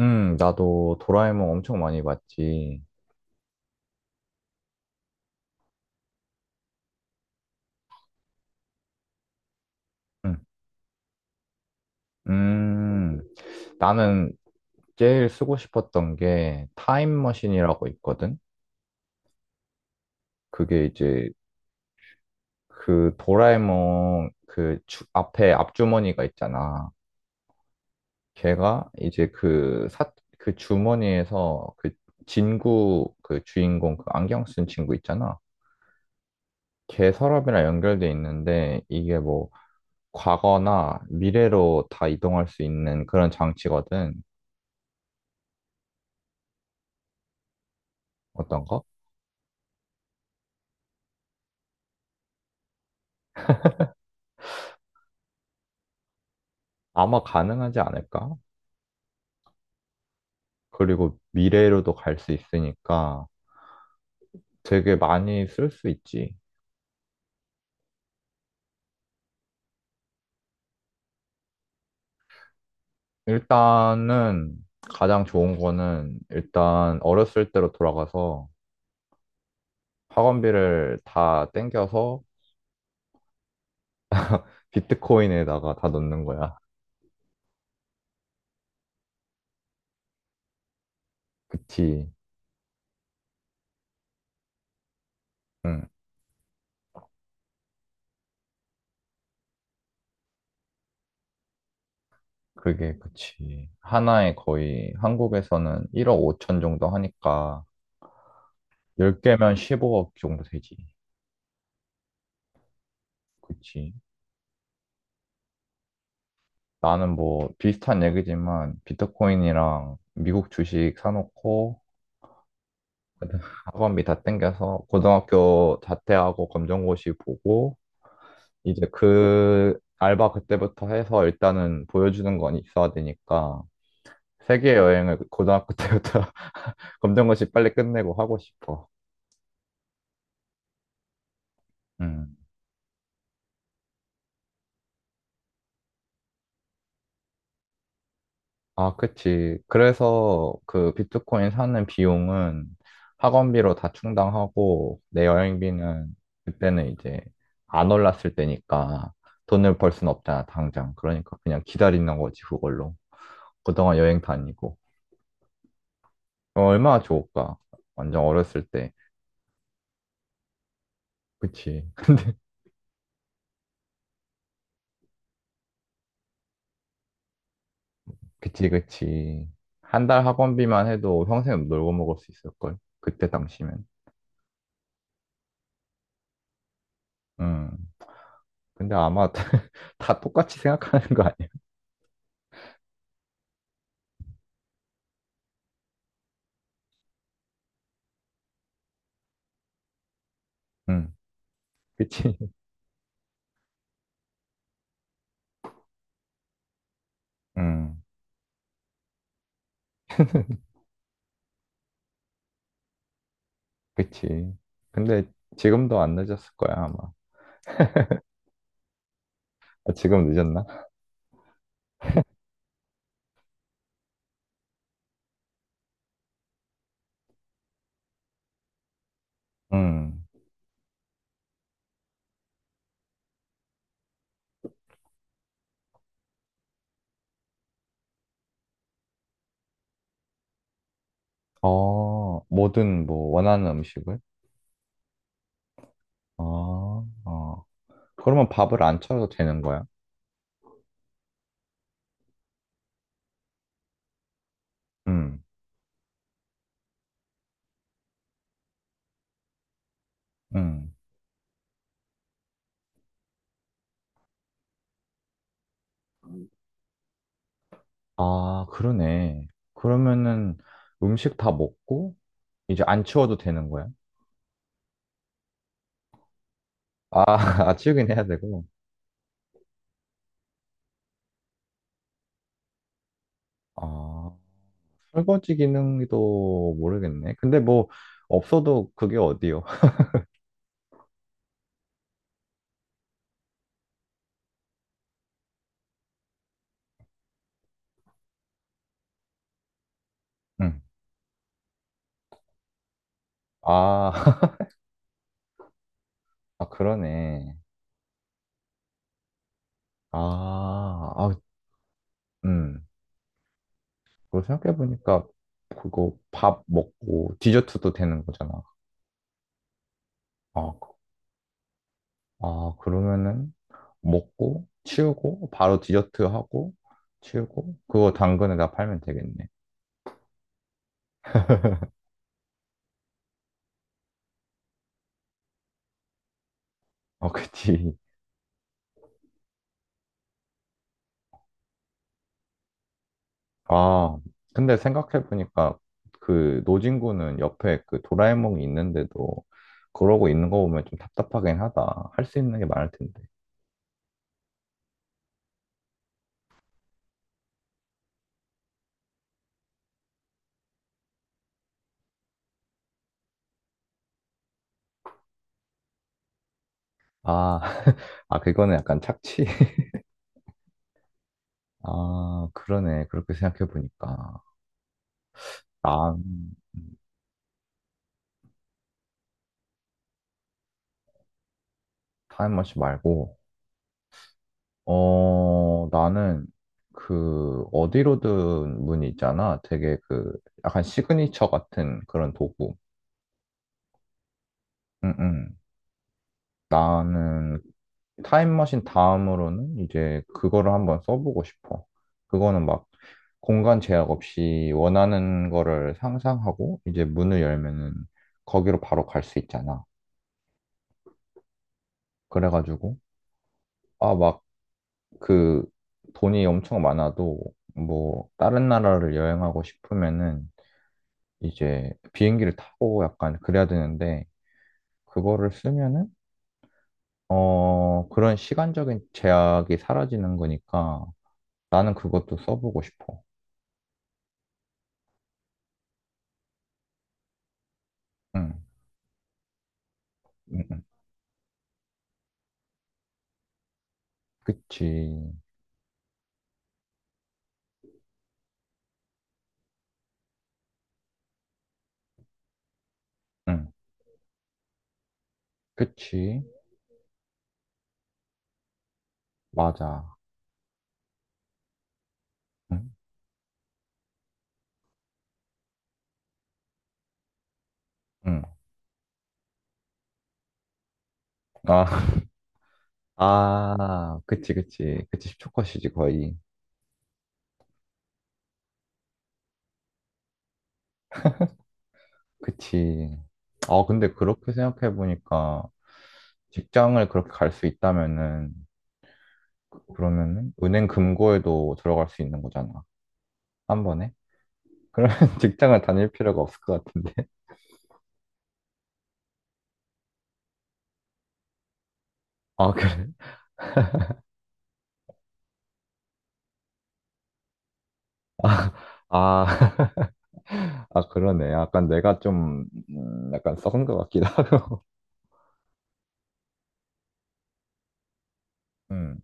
나도 도라에몽 엄청 많이 봤지. 음, 음, 나는 제일 쓰고 싶었던 게 타임머신이라고 있거든? 그게 이제 그 도라에몽 그 앞에 앞주머니가 있잖아. 걔가 이제 그 주머니에서 그 진구 그 주인공 그 안경 쓴 친구 있잖아. 걔 서랍이랑 연결돼 있는데 이게 뭐 과거나 미래로 다 이동할 수 있는 그런 장치거든. 어떤 거? 아마 가능하지 않을까? 그리고 미래로도 갈 수 있으니까 되게 많이 쓸 수 있지. 일단은 가장 좋은 거는 일단 어렸을 때로 돌아가서 학원비를 다 땡겨서 비트코인에다가 다 넣는 거야. 그치. 응, 그게 그치. 하나에 거의 한국에서는 1억 5천 정도 하니까 10개면 15억 정도 되지. 그치. 나는 뭐 비슷한 얘기지만 비트코인이랑 미국 주식 사놓고 그다음 학원비 다 땡겨서 고등학교 자퇴하고 검정고시 보고 이제 그 알바 그때부터 해서 일단은 보여주는 건 있어야 되니까 세계 여행을 고등학교 때부터 검정고시 빨리 끝내고 하고 싶어. 음. 아, 그치. 그래서 그 비트코인 사는 비용은 학원비로 다 충당하고 내 여행비는 그때는 이제 안 올랐을 때니까 돈을 벌 순 없잖아, 당장. 그러니까 그냥 기다리는 거지, 그걸로. 그동안 여행 다니고. 어, 얼마나 좋을까? 완전 어렸을 때. 그치. 그치, 그치. 한 달 학원비만 해도 평생 놀고 먹을 수 있을걸? 그때 당시면. 음. 근데 아마 다, 똑같이 생각하는 거 아니야? 음. 그치. 음, 그치. 근데 지금도 안 늦었을 거야, 아마. 아, 지금 늦었나? 음, 뭐든 뭐 원하는 음식을? 어, 어. 그러면 밥을 안 차려도 되는 거야? 음, 음. 아, 그러네. 그러면은 음식 다 먹고 이제 안 치워도 되는 거야? 아, 아, 치우긴 해야 되고. 아, 설거지 기능도 모르겠네. 근데 뭐 없어도 그게 어디요? 음. 아, 아, 그러네. 아, 아, 음. 그거 생각해보니까 그거 밥 먹고 디저트도 되는 거잖아. 아, 아, 그러면은 먹고 치우고 바로 디저트 하고 치우고 그거 당근에다 팔면 되겠네. 어, 그치. 아, 근데 생각해보니까 그 노진구는 옆에 그 도라에몽이 있는데도 그러고 있는 거 보면 좀 답답하긴 하다. 할 수 있는 게 많을 텐데. 아, 아, 그거는 약간 착취 아, 그러네. 그렇게 생각해보니까. 난, 음, 타임머신 말고, 나는, 그, 어디로든 문이 있잖아. 되게 그, 약간 시그니처 같은 그런 도구. 응, 응. 나는 타임머신 다음으로는 이제 그거를 한번 써보고 싶어. 그거는 막 공간 제약 없이 원하는 거를 상상하고, 이제 문을 열면은 거기로 바로 갈 수 있잖아. 그래가지고, 아, 막, 그 돈이 엄청 많아도 뭐 다른 나라를 여행하고 싶으면은 이제 비행기를 타고 약간 그래야 되는데 그거를 쓰면은 그런 시간적인 제약이 사라지는 거니까 나는 그것도 써보고 싶어. 응, 응, 응. 그치. 응, 그치. 맞아. 응, 응. 아, 아, 그치, 그치. 그치. 10초 컷이지, 거의. 그치. 아, 근데 그렇게 생각해보니까 직장을 그렇게 갈 수 있다면은 그러면은 은행 금고에도 들어갈 수 있는 거잖아. 한 번에. 그러면 직장을 다닐 필요가 없을 것 같은데. 아, 그래? 아, 아, 아, 그러네. 약간 내가 좀 약간 썩은 것 같기도 하고. 응,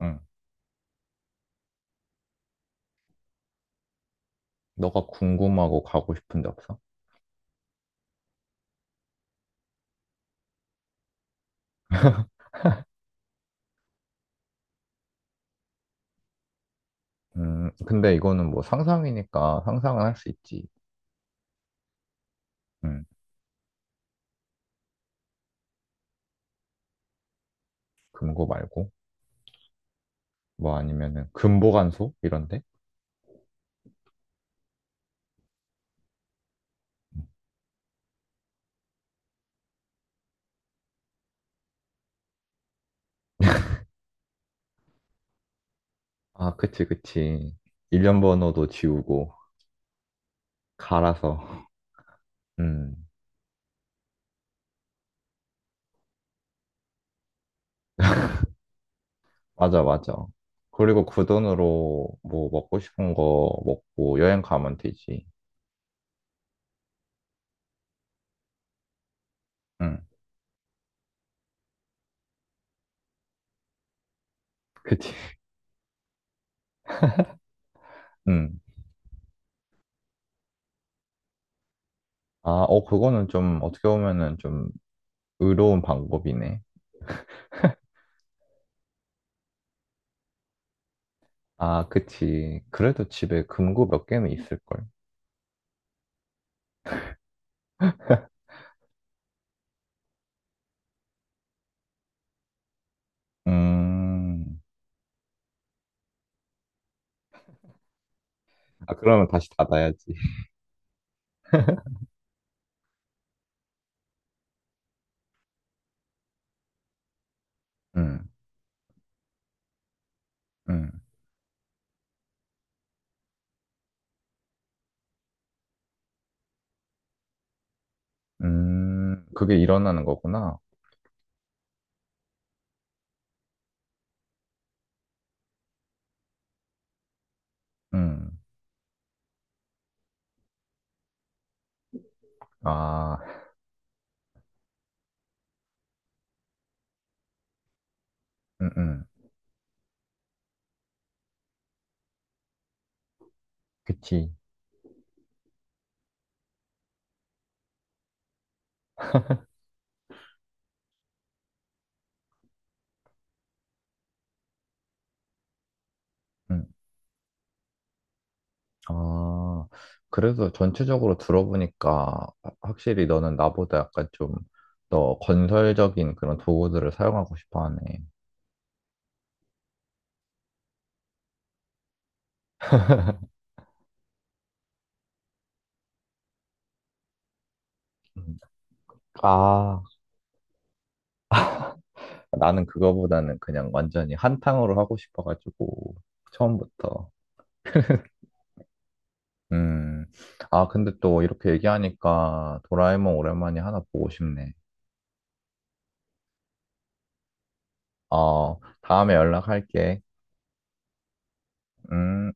응. 너가 궁금하고 가고 싶은 데 없어? 근데 이거는 뭐 상상이니까 상상은 할 수 있지. 음, 금고 말고 뭐 아니면은 금보관소 이런데? 아, 그치, 그치. 일련 번호도 지우고. 갈아서. 음, 맞아, 맞아. 그리고 그 돈으로 뭐 먹고 싶은 거 먹고 여행 가면 되지. 응, 그치. 응. 아, 어, 그거는 좀 어떻게 보면은 좀 의로운 방법이네. 아, 그치. 그래도 집에 금고 몇 개는 있을걸. 음. 아, 그러면 다시 닫아야지. 응 응 그게 일어나는 거구나. 응 아, 응응 그치. 응. 아, 그래서 전체적으로 들어보니까 확실히 너는 나보다 약간 좀 더 건설적인 그런 도구들을 사용하고 싶어 하네. 음. 아, 나는 그거보다는 그냥 완전히 한탕으로 하고 싶어가지고, 처음부터. 음, 아, 근데 또 이렇게 얘기하니까 도라에몽 오랜만에 하나 보고 싶네. 어, 다음에 연락할게. 음.